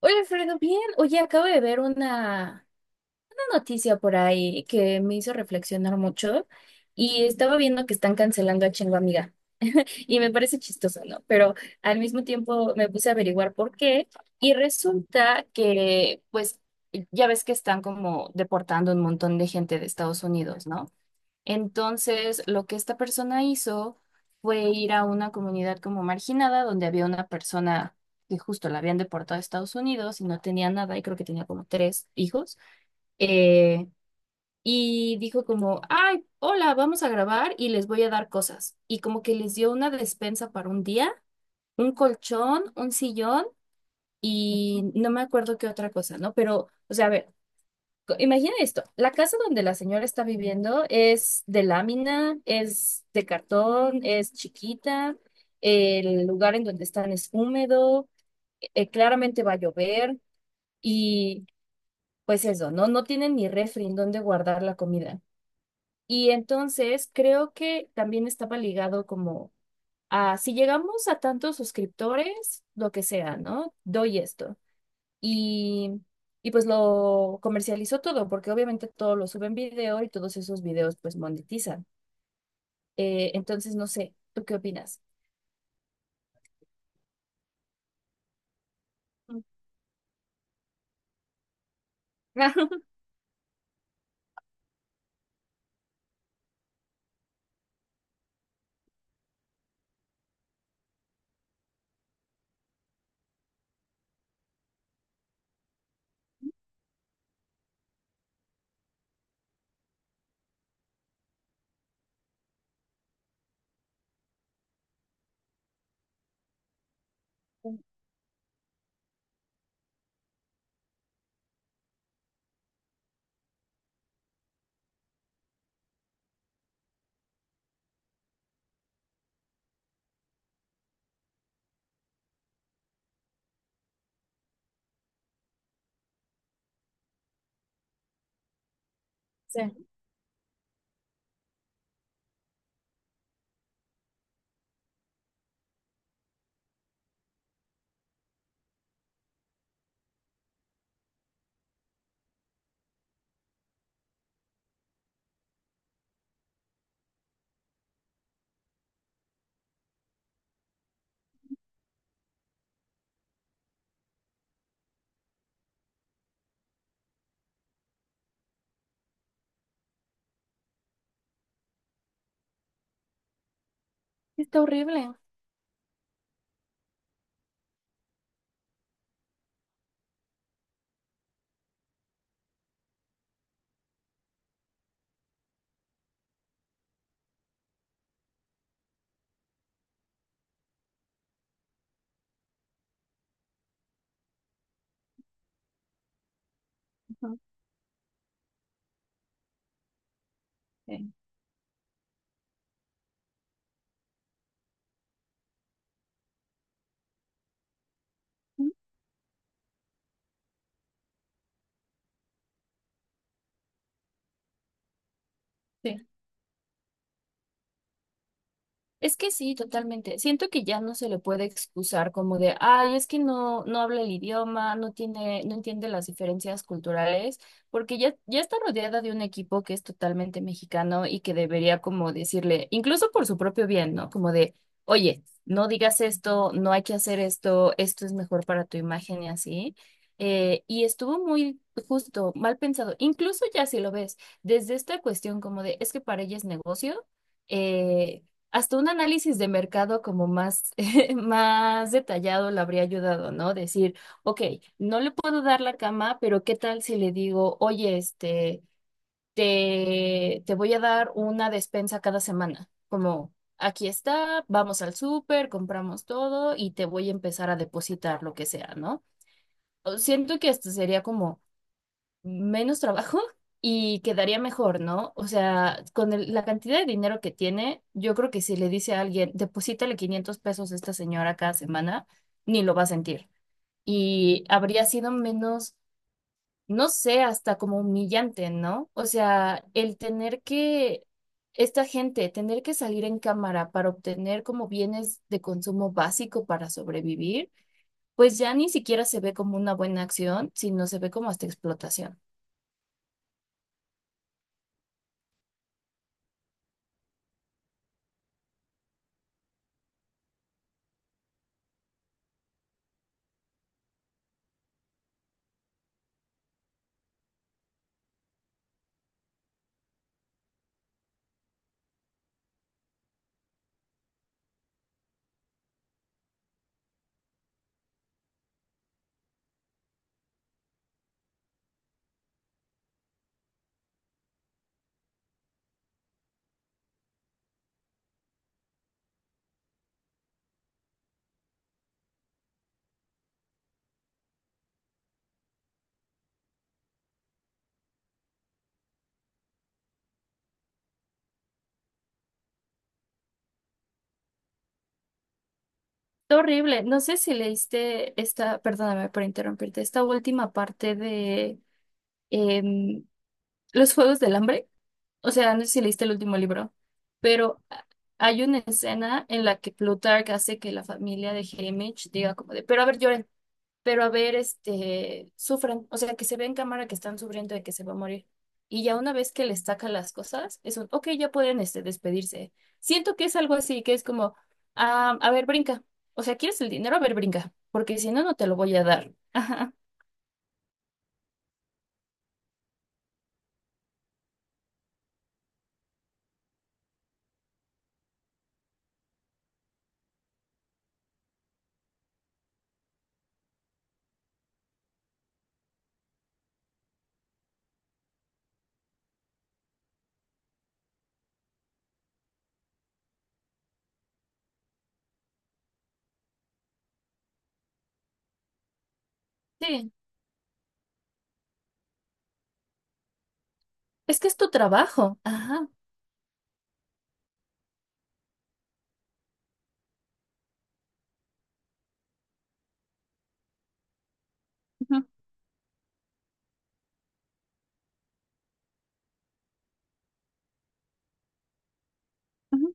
Hola, Alfredo, bien. Oye, acabo de ver una noticia por ahí que me hizo reflexionar mucho y estaba viendo que están cancelando a Chingo Amiga y me parece chistoso, ¿no? Pero al mismo tiempo me puse a averiguar por qué y resulta que, pues, ya ves que están como deportando un montón de gente de Estados Unidos, ¿no? Entonces, lo que esta persona hizo fue ir a una comunidad como marginada, donde había una persona que justo la habían deportado a Estados Unidos y no tenía nada, y creo que tenía como tres hijos, eh, y dijo como, ay, hola, vamos a grabar y les voy a dar cosas. Y como que les dio una despensa para un día, un colchón, un sillón y no me acuerdo qué otra cosa, ¿no? Pero, o sea, a ver. Imagina esto, la casa donde la señora está viviendo es de lámina, es de cartón, es chiquita, el lugar en donde están es húmedo, claramente va a llover y pues eso, ¿no? No tienen ni refri en donde guardar la comida. Y entonces creo que también estaba ligado como a si llegamos a tantos suscriptores, lo que sea, ¿no? Doy esto. Y, y pues lo comercializó todo, porque obviamente todo lo sube en video y todos esos videos pues monetizan. Entonces, no sé, ¿tú qué opinas? Mm. Sí. Está horrible. Ujú. Sí. Mm. Sí. Es que sí, totalmente. Siento que ya no se le puede excusar como de, ay, es que no, no habla el idioma, no tiene, no entiende las diferencias culturales, porque ya, ya está rodeada de un equipo que es totalmente mexicano y que debería como decirle, incluso por su propio bien, ¿no? Como de, oye, no digas esto, no hay que hacer esto, esto es mejor para tu imagen y así. Y estuvo muy justo, mal pensado. Incluso ya si lo ves, desde esta cuestión como de, es que para ella es negocio. eh, Hasta un análisis de mercado como más, más detallado le habría ayudado, ¿no? Decir, ok, no le puedo dar la cama, pero ¿qué tal si le digo, oye, este, te voy a dar una despensa cada semana? Como, aquí está, vamos al súper, compramos todo y te voy a empezar a depositar lo que sea, ¿no? O Siento que esto sería como menos trabajo y quedaría mejor, ¿no? O sea, con la cantidad de dinero que tiene, yo creo que si le dice a alguien, deposítale 500 pesos a esta señora cada semana, ni lo va a sentir. Y habría sido menos, no sé, hasta como humillante, ¿no? O sea, el tener que, esta gente, tener que salir en cámara para obtener como bienes de consumo básico para sobrevivir, pues ya ni siquiera se ve como una buena acción, sino se ve como hasta explotación. Horrible. No sé si leíste esta, perdóname por interrumpirte, esta última parte de em, Los Juegos del Hambre. O sea, no sé si leíste el último libro, pero hay una escena en la que Plutarch hace que la familia de Haymitch diga como de, pero a ver, lloren pero a ver, este, sufran, o sea, que se ve en cámara que están sufriendo de que se va a morir. Y ya una vez que les saca las cosas, es un, ok, ya pueden, este, despedirse. Siento que es algo así, que es como, ah, a ver, brinca. O sea, ¿quieres el dinero? A ver, brinca, porque si no, no te lo voy a dar. Ajá. Sí, es que es tu trabajo. Ajá. Ujú, ujú.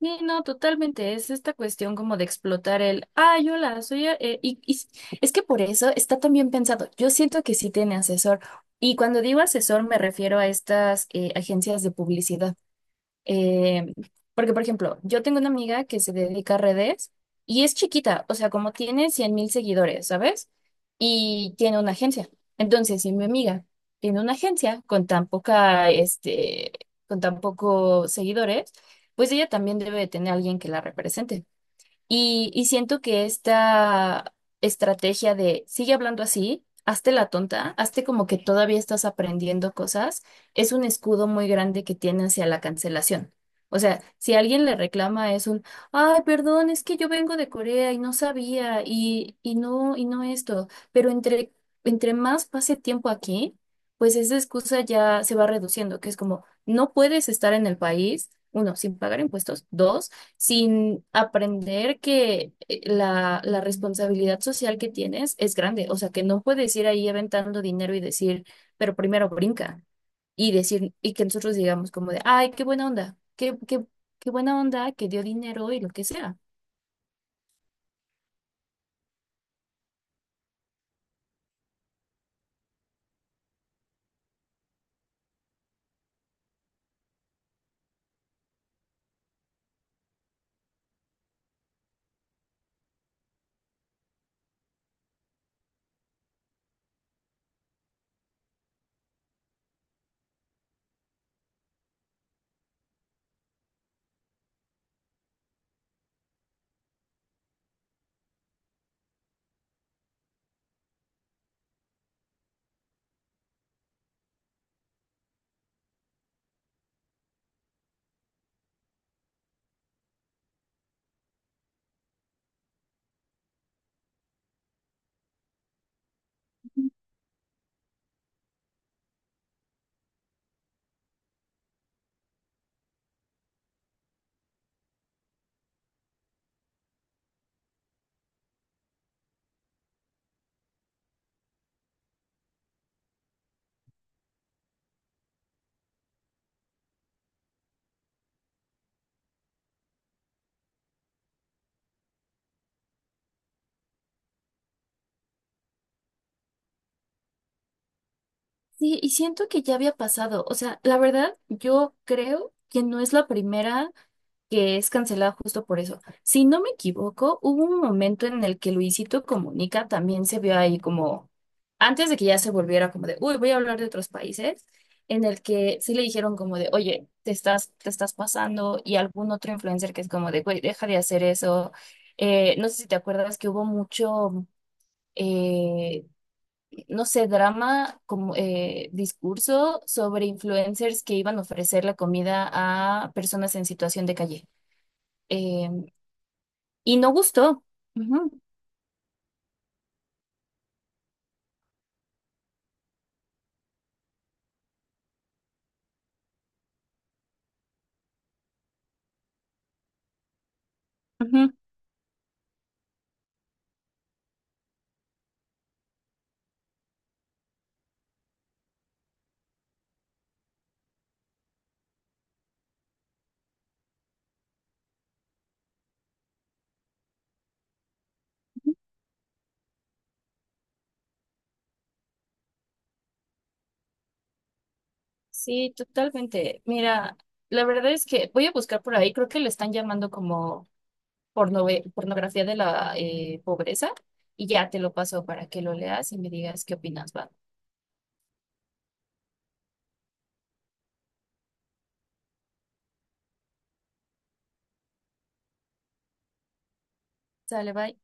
Sí, no, totalmente. Es esta cuestión como de explotar el, ah, yo la soy, es que por eso está también pensado. Yo siento que sí tiene asesor. Y cuando digo asesor me refiero a estas agencias de publicidad. Eh, Porque, por ejemplo, yo tengo una amiga que se dedica a redes y es chiquita, o sea, como tiene 100,000 seguidores, ¿sabes? Y tiene una agencia. Entonces, si mi amiga tiene una agencia con tan poca, este, con tan pocos seguidores, pues ella también debe de tener a alguien que la represente. Y siento que esta estrategia de sigue hablando así, hazte la tonta, hazte como que todavía estás aprendiendo cosas, es un escudo muy grande que tiene hacia la cancelación. O sea, si alguien le reclama es un, ay, perdón, es que yo vengo de Corea y no sabía y no esto, pero entre, más pase tiempo aquí, pues esa excusa ya se va reduciendo, que es como, no puedes estar en el país, uno, sin pagar impuestos, dos, sin aprender que la responsabilidad social que tienes es grande. O sea, que no puedes ir ahí aventando dinero y decir, pero primero brinca. Y decir, y que nosotros digamos como de, ay, qué buena onda, qué buena onda que dio dinero y lo que sea. Sí, y siento que ya había pasado. O sea, la verdad, yo creo que no es la primera. Que es cancelada justo por eso. Si no me equivoco, hubo un momento en el que Luisito Comunica también se vio ahí como, antes de que ya se volviera como de, uy, voy a hablar de otros países, en el que sí le dijeron como de, oye, te estás pasando, y algún otro influencer que es como de, güey, deja de hacer eso. No sé si te acuerdas que hubo mucho, eh, no sé, drama, como discurso sobre influencers que iban a ofrecer la comida a personas en situación de calle. Em, y no gustó. Ujú, ujú. Sí, totalmente. Mira, la verdad es que voy a buscar por ahí, creo que le están llamando como pornografía de la pobreza y ya te lo paso para que lo leas y me digas qué opinas, va. Sale, bye.